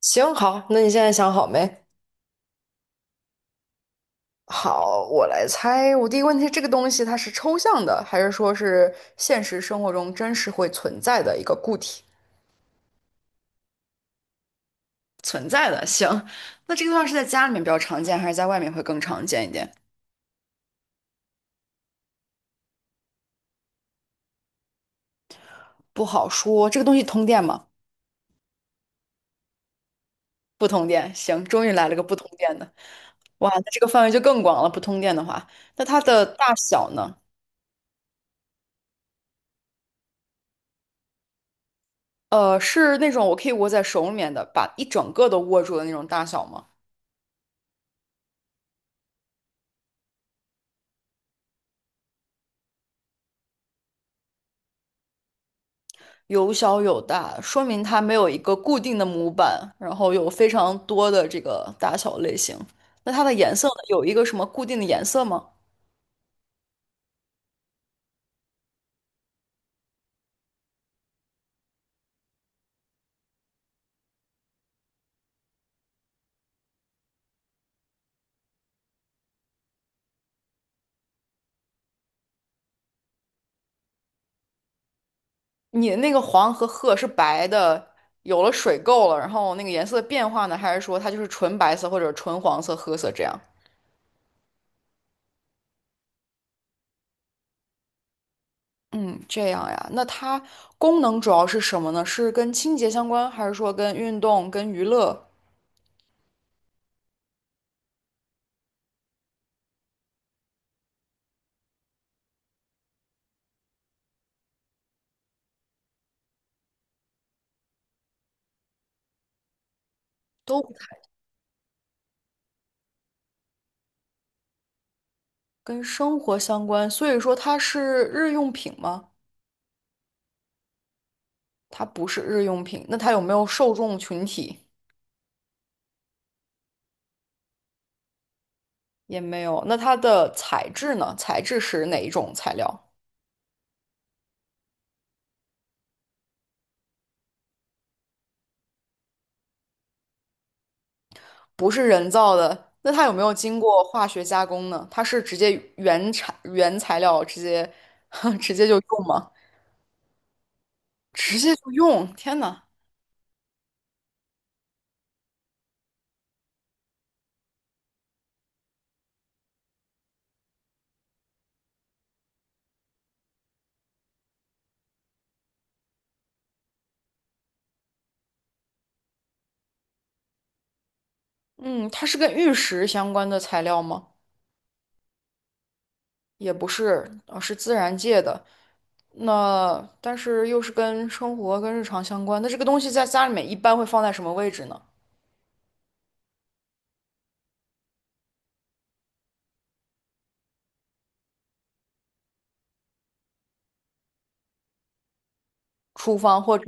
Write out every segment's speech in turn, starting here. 行，好，那你现在想好没？好，我来猜。我第一个问题，这个东西它是抽象的，还是说是现实生活中真实会存在的一个固体？存在的，行。那这个东西是在家里面比较常见，还是在外面会更常见一点？不好说。这个东西通电吗？不通电。行，终于来了个不通电的。哇，那这个范围就更广了。不通电的话，那它的大小呢？是那种我可以握在手里面的，把一整个都握住的那种大小吗？有小有大，说明它没有一个固定的模板，然后有非常多的这个大小类型。那它的颜色呢，有一个什么固定的颜色吗？你那个黄和褐是白的，有了水垢了，然后那个颜色变化呢，还是说它就是纯白色或者纯黄色、褐色这样？嗯，这样呀。那它功能主要是什么呢？是跟清洁相关，还是说跟运动、跟娱乐都不太跟生活相关？所以说它是日用品吗？它不是日用品，那它有没有受众群体？也没有。那它的材质呢？材质是哪一种材料？不是人造的。那它有没有经过化学加工呢？它是直接原产原材料直接 直接就用吗？直接就用？天呐，嗯，它是跟玉石相关的材料吗？也不是，是自然界的。那但是又是跟生活跟日常相关。那这个东西在家里面一般会放在什么位置呢？厨房或者？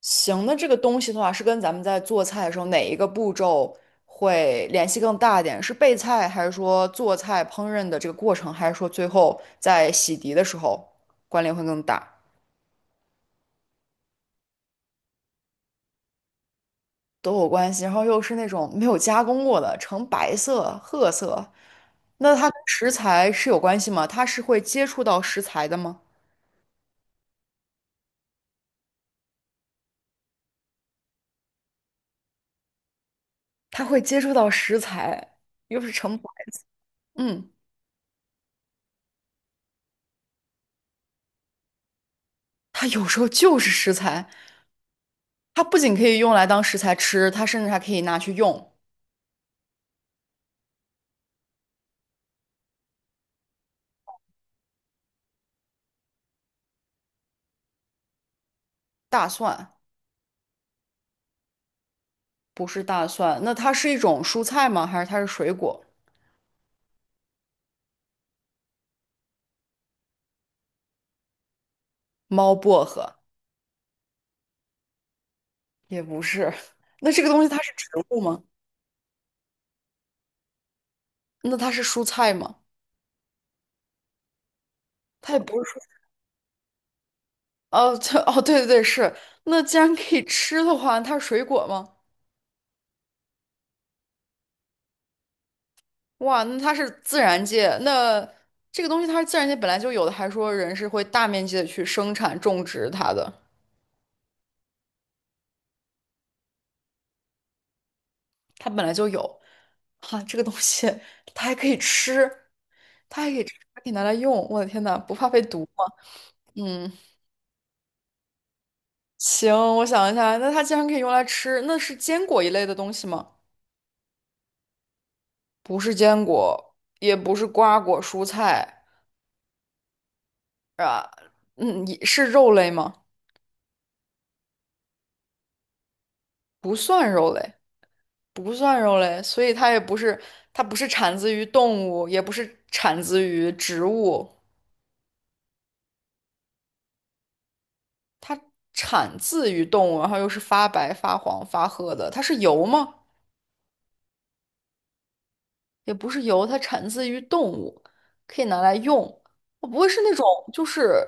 行，那这个东西的话，是跟咱们在做菜的时候哪一个步骤会联系更大一点？是备菜，还是说做菜烹饪的这个过程，还是说最后在洗涤的时候关联会更大？都有关系。然后又是那种没有加工过的，呈白色、褐色，那它跟食材是有关系吗？它是会接触到食材的吗？它会接触到食材，又是成，白的，嗯，它有时候就是食材，它不仅可以用来当食材吃，它甚至还可以拿去用。大蒜不是大蒜，那它是一种蔬菜吗？还是它是水果？猫薄荷也不是，那这个东西它是植物吗？那它是蔬菜吗？它也不是蔬。哦，这哦，对对对，是。那既然可以吃的话，它是水果吗？哇，那它是自然界，那这个东西它是自然界本来就有的，还说人是会大面积的去生产种植它的，它本来就有。哈、这个东西它还可以吃，它还可以吃，还可以拿来用。我的天呐，不怕被毒吗？嗯，行，我想一下，那它既然可以用来吃，那是坚果一类的东西吗？不是坚果，也不是瓜果蔬菜啊，嗯，也是肉类吗？不算肉类，不算肉类，所以它也不是，它不是产自于动物，也不是产自于植物，它产自于动物，然后又是发白、发黄、发褐的，它是油吗？也不是油，它产自于动物，可以拿来用。我不会是那种就是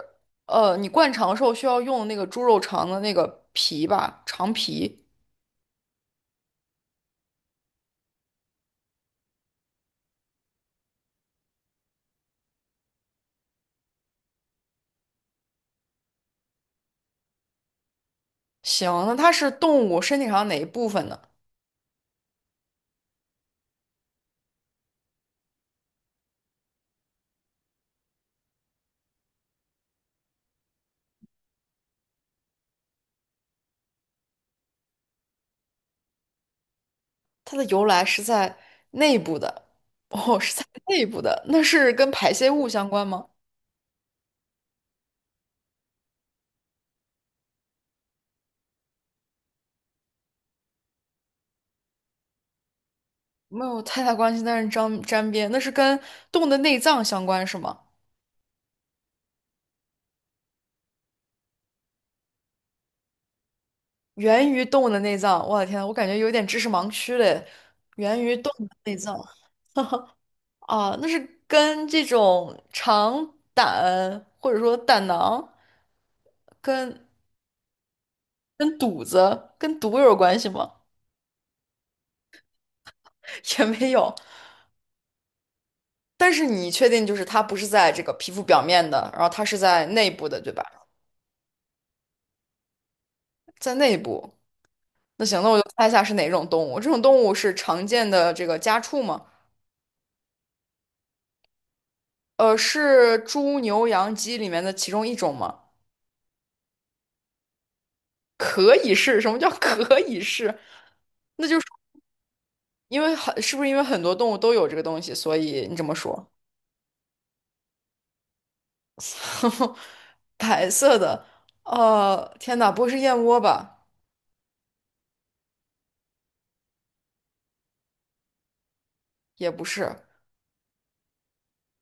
你灌肠时候需要用那个猪肉肠的那个皮吧，肠皮。行，那它是动物身体上哪一部分呢？它的由来是在内部的，哦，是在内部的，那是跟排泄物相关吗？没有太大关系，但是沾沾边，那是跟动物的内脏相关是吗？源于动物的内脏，我的天，我感觉有点知识盲区嘞。源于动物的内脏。啊，那是跟这种肠胆或者说胆囊跟肚子跟毒有关系吗？也没有。但是你确定就是它不是在这个皮肤表面的，然后它是在内部的，对吧？在内部。那行，那我就猜一下是哪种动物？这种动物是常见的这个家畜吗？是猪、牛、羊、鸡里面的其中一种吗？可以是，什么叫可以是？因为很，是不是因为很多动物都有这个东西，所以你这么说？白色的，天哪，不会是燕窝吧？也不是，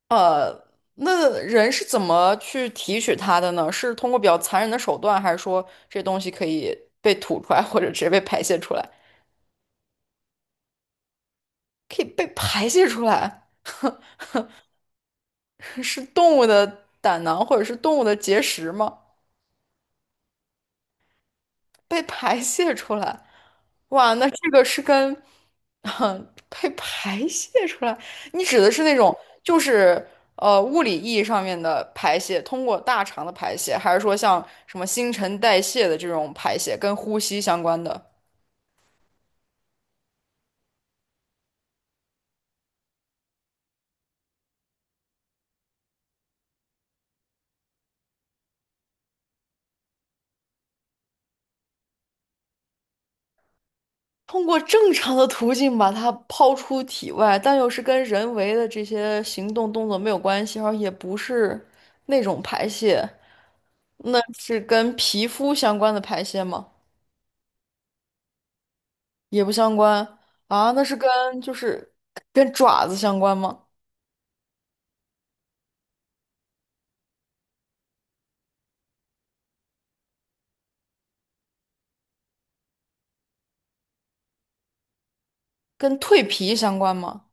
呃，那人是怎么去提取它的呢？是通过比较残忍的手段，还是说这东西可以被吐出来，或者直接被排泄出来？可以被排泄出来，是动物的胆囊或者是动物的结石吗？被排泄出来，哇，那这个是跟，哼，被排泄出来，你指的是那种就是物理意义上面的排泄，通过大肠的排泄，还是说像什么新陈代谢的这种排泄，跟呼吸相关的？通过正常的途径把它抛出体外，但又是跟人为的这些行动动作没有关系，而也不是那种排泄，那是跟皮肤相关的排泄吗？也不相关啊，那是跟就是跟爪子相关吗？跟蜕皮相关吗？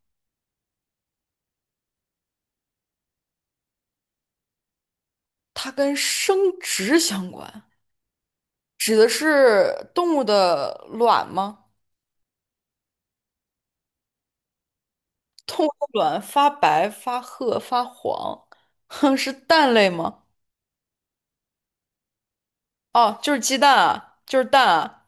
它跟生殖相关，指的是动物的卵吗？动物的卵发白、发褐、发黄，哼，是蛋类吗？哦，就是鸡蛋啊，就是蛋啊。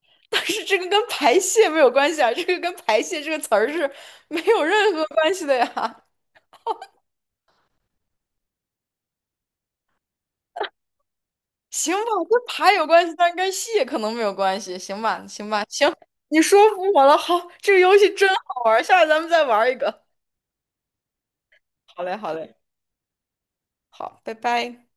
但是这个跟排泄没有关系啊，这个跟排泄这个词儿是没有任何关系的呀。行吧，跟爬有关系，但跟戏可能没有关系。行吧，行吧，行，你说服我了。好，这个游戏真好玩儿下次咱们再玩儿一个。好嘞，好嘞，好，拜拜。